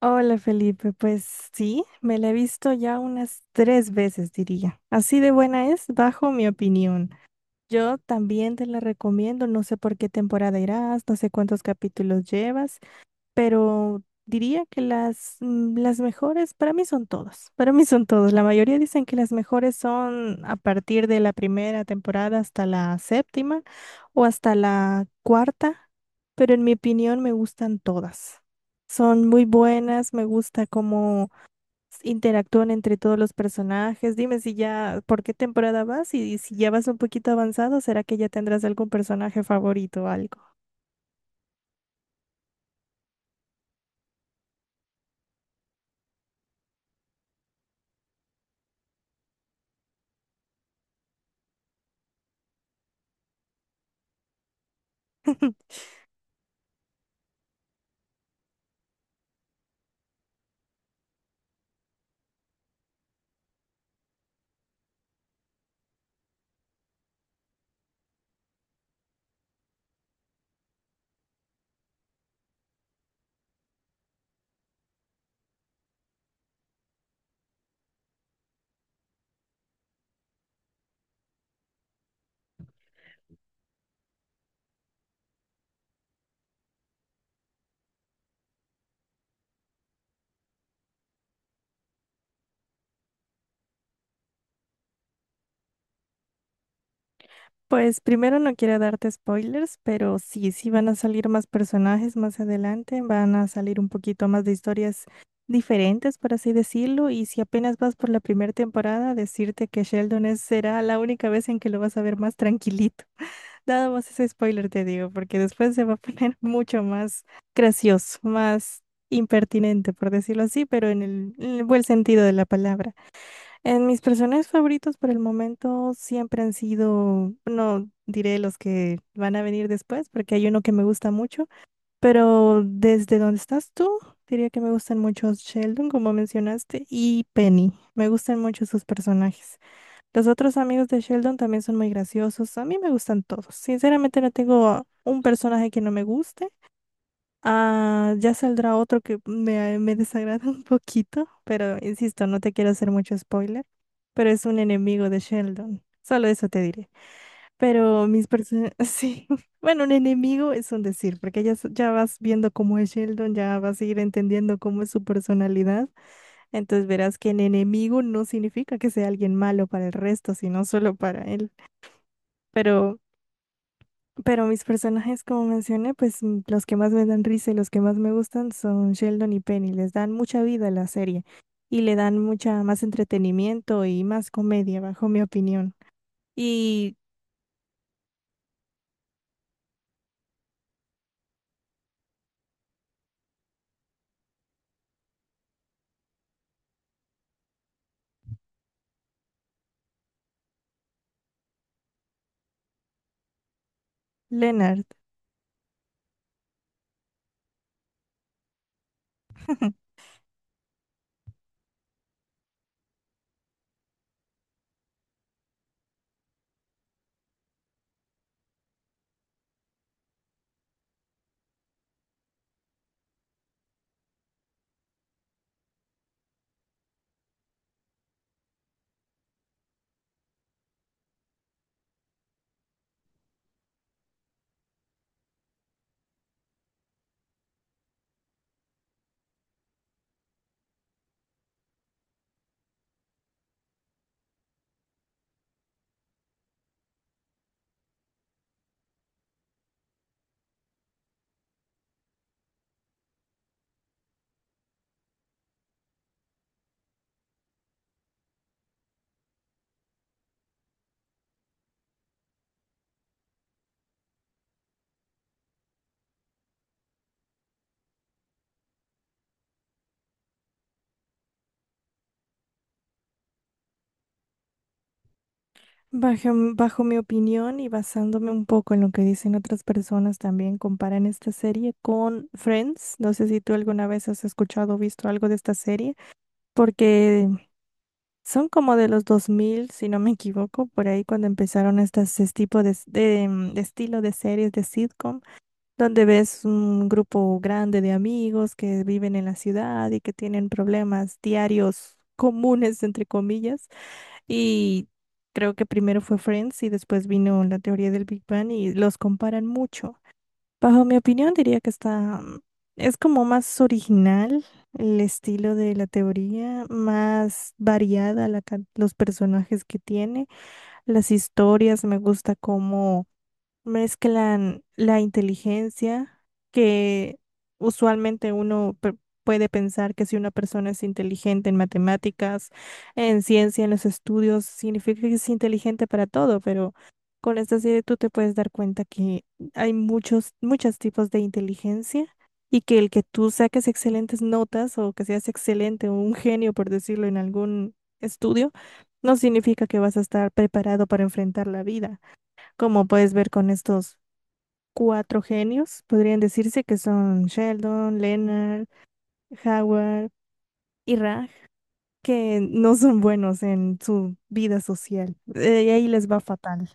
Hola Felipe, pues sí, me la he visto ya unas tres veces, diría. Así de buena es, bajo mi opinión. Yo también te la recomiendo, no sé por qué temporada irás, no sé cuántos capítulos llevas, pero diría que las mejores, para mí son todas, para mí son todas. La mayoría dicen que las mejores son a partir de la primera temporada hasta la séptima o hasta la cuarta, pero en mi opinión me gustan todas. Son muy buenas, me gusta cómo interactúan entre todos los personajes. Dime si ya, ¿por qué temporada vas? Y si ya vas un poquito avanzado, ¿será que ya tendrás algún personaje favorito o algo? Pues primero no quiero darte spoilers, pero sí, sí van a salir más personajes más adelante, van a salir un poquito más de historias diferentes, por así decirlo, y si apenas vas por la primera temporada, decirte que será la única vez en que lo vas a ver más tranquilito. Nada más ese spoiler te digo, porque después se va a poner mucho más gracioso, más impertinente, por decirlo así, pero en el buen sentido de la palabra. En mis personajes favoritos por el momento siempre han sido, no diré los que van a venir después, porque hay uno que me gusta mucho, pero desde donde estás tú, diría que me gustan mucho Sheldon, como mencionaste, y Penny. Me gustan mucho sus personajes. Los otros amigos de Sheldon también son muy graciosos. A mí me gustan todos. Sinceramente no tengo un personaje que no me guste. Ah, ya saldrá otro me desagrada un poquito, pero insisto, no te quiero hacer mucho spoiler, pero es un enemigo de Sheldon. Solo eso te diré. Pero mis personas, sí, bueno, un enemigo es un decir, porque ya, ya vas viendo cómo es Sheldon, ya vas a ir entendiendo cómo es su personalidad, entonces verás que en enemigo no significa que sea alguien malo para el resto, sino solo para él. Pero pero mis personajes, como mencioné, los que más me dan risa y los que más me gustan son Sheldon y Penny. Les dan mucha vida a la serie y le dan mucha más entretenimiento y más comedia, bajo mi opinión. Y Leonard, bajo, bajo mi opinión y basándome un poco en lo que dicen otras personas también, comparan esta serie con Friends. No sé si tú alguna vez has escuchado o visto algo de esta serie, porque son como de los 2000, si no me equivoco, por ahí cuando empezaron este tipo de estilo de series de sitcom, donde ves un grupo grande de amigos que viven en la ciudad y que tienen problemas diarios comunes, entre comillas. Y creo que primero fue Friends y después vino La teoría del Big Bang y los comparan mucho. Bajo mi opinión, diría que es como más original el estilo de la teoría, más variada los personajes que tiene, las historias, me gusta cómo mezclan la inteligencia, que usualmente uno pe- puede pensar que si una persona es inteligente en matemáticas, en ciencia, en los estudios, significa que es inteligente para todo, pero con esta serie tú te puedes dar cuenta que hay muchos tipos de inteligencia. Y que el que tú saques excelentes notas o que seas excelente o un genio, por decirlo, en algún estudio, no significa que vas a estar preparado para enfrentar la vida. Como puedes ver con estos cuatro genios, podrían decirse que son Sheldon, Leonard, Howard y Raj, que no son buenos en su vida social. Y ahí les va fatal.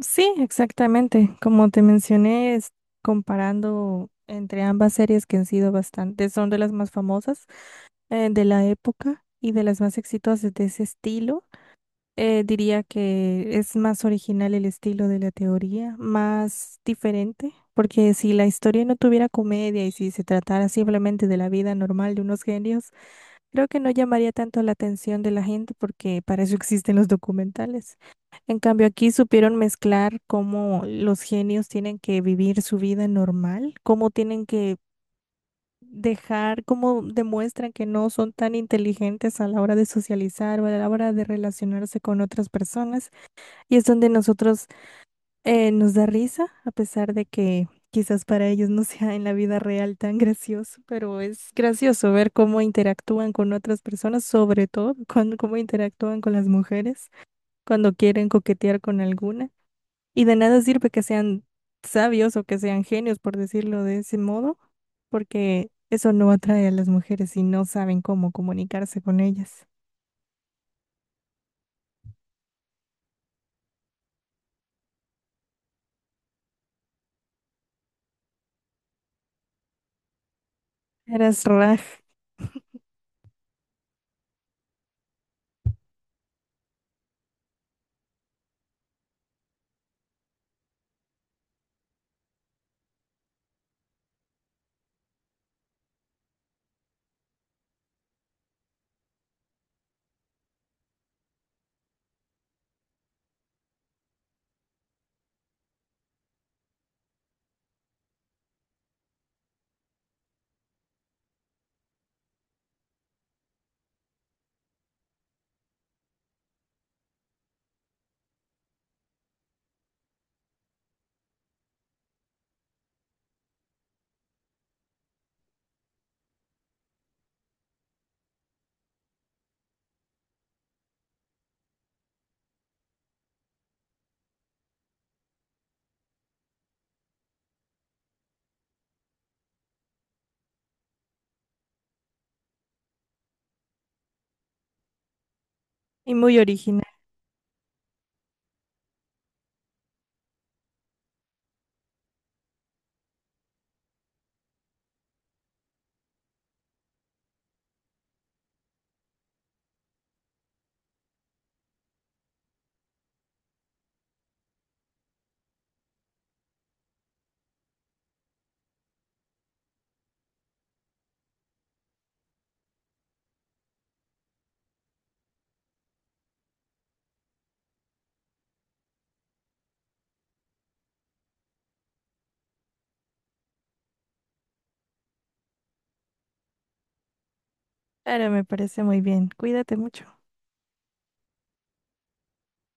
Sí, exactamente. Como te mencioné, es comparando entre ambas series que han sido bastante, son de las más famosas de la época y de las más exitosas de ese estilo. Diría que es más original el estilo de la teoría, más diferente, porque si la historia no tuviera comedia y si se tratara simplemente de la vida normal de unos genios, creo que no llamaría tanto la atención de la gente porque para eso existen los documentales. En cambio, aquí supieron mezclar cómo los genios tienen que vivir su vida normal, cómo tienen que dejar, cómo demuestran que no son tan inteligentes a la hora de socializar o a la hora de relacionarse con otras personas y es donde nosotros nos da risa, a pesar de que quizás para ellos no sea en la vida real tan gracioso, pero es gracioso ver cómo interactúan con otras personas, sobre todo cuando, cómo interactúan con las mujeres cuando quieren coquetear con alguna. Y de nada sirve que sean sabios o que sean genios, por decirlo de ese modo, porque eso no atrae a las mujeres y no saben cómo comunicarse con ellas. Eras Raj y muy original. Ahora me parece muy bien. Cuídate mucho.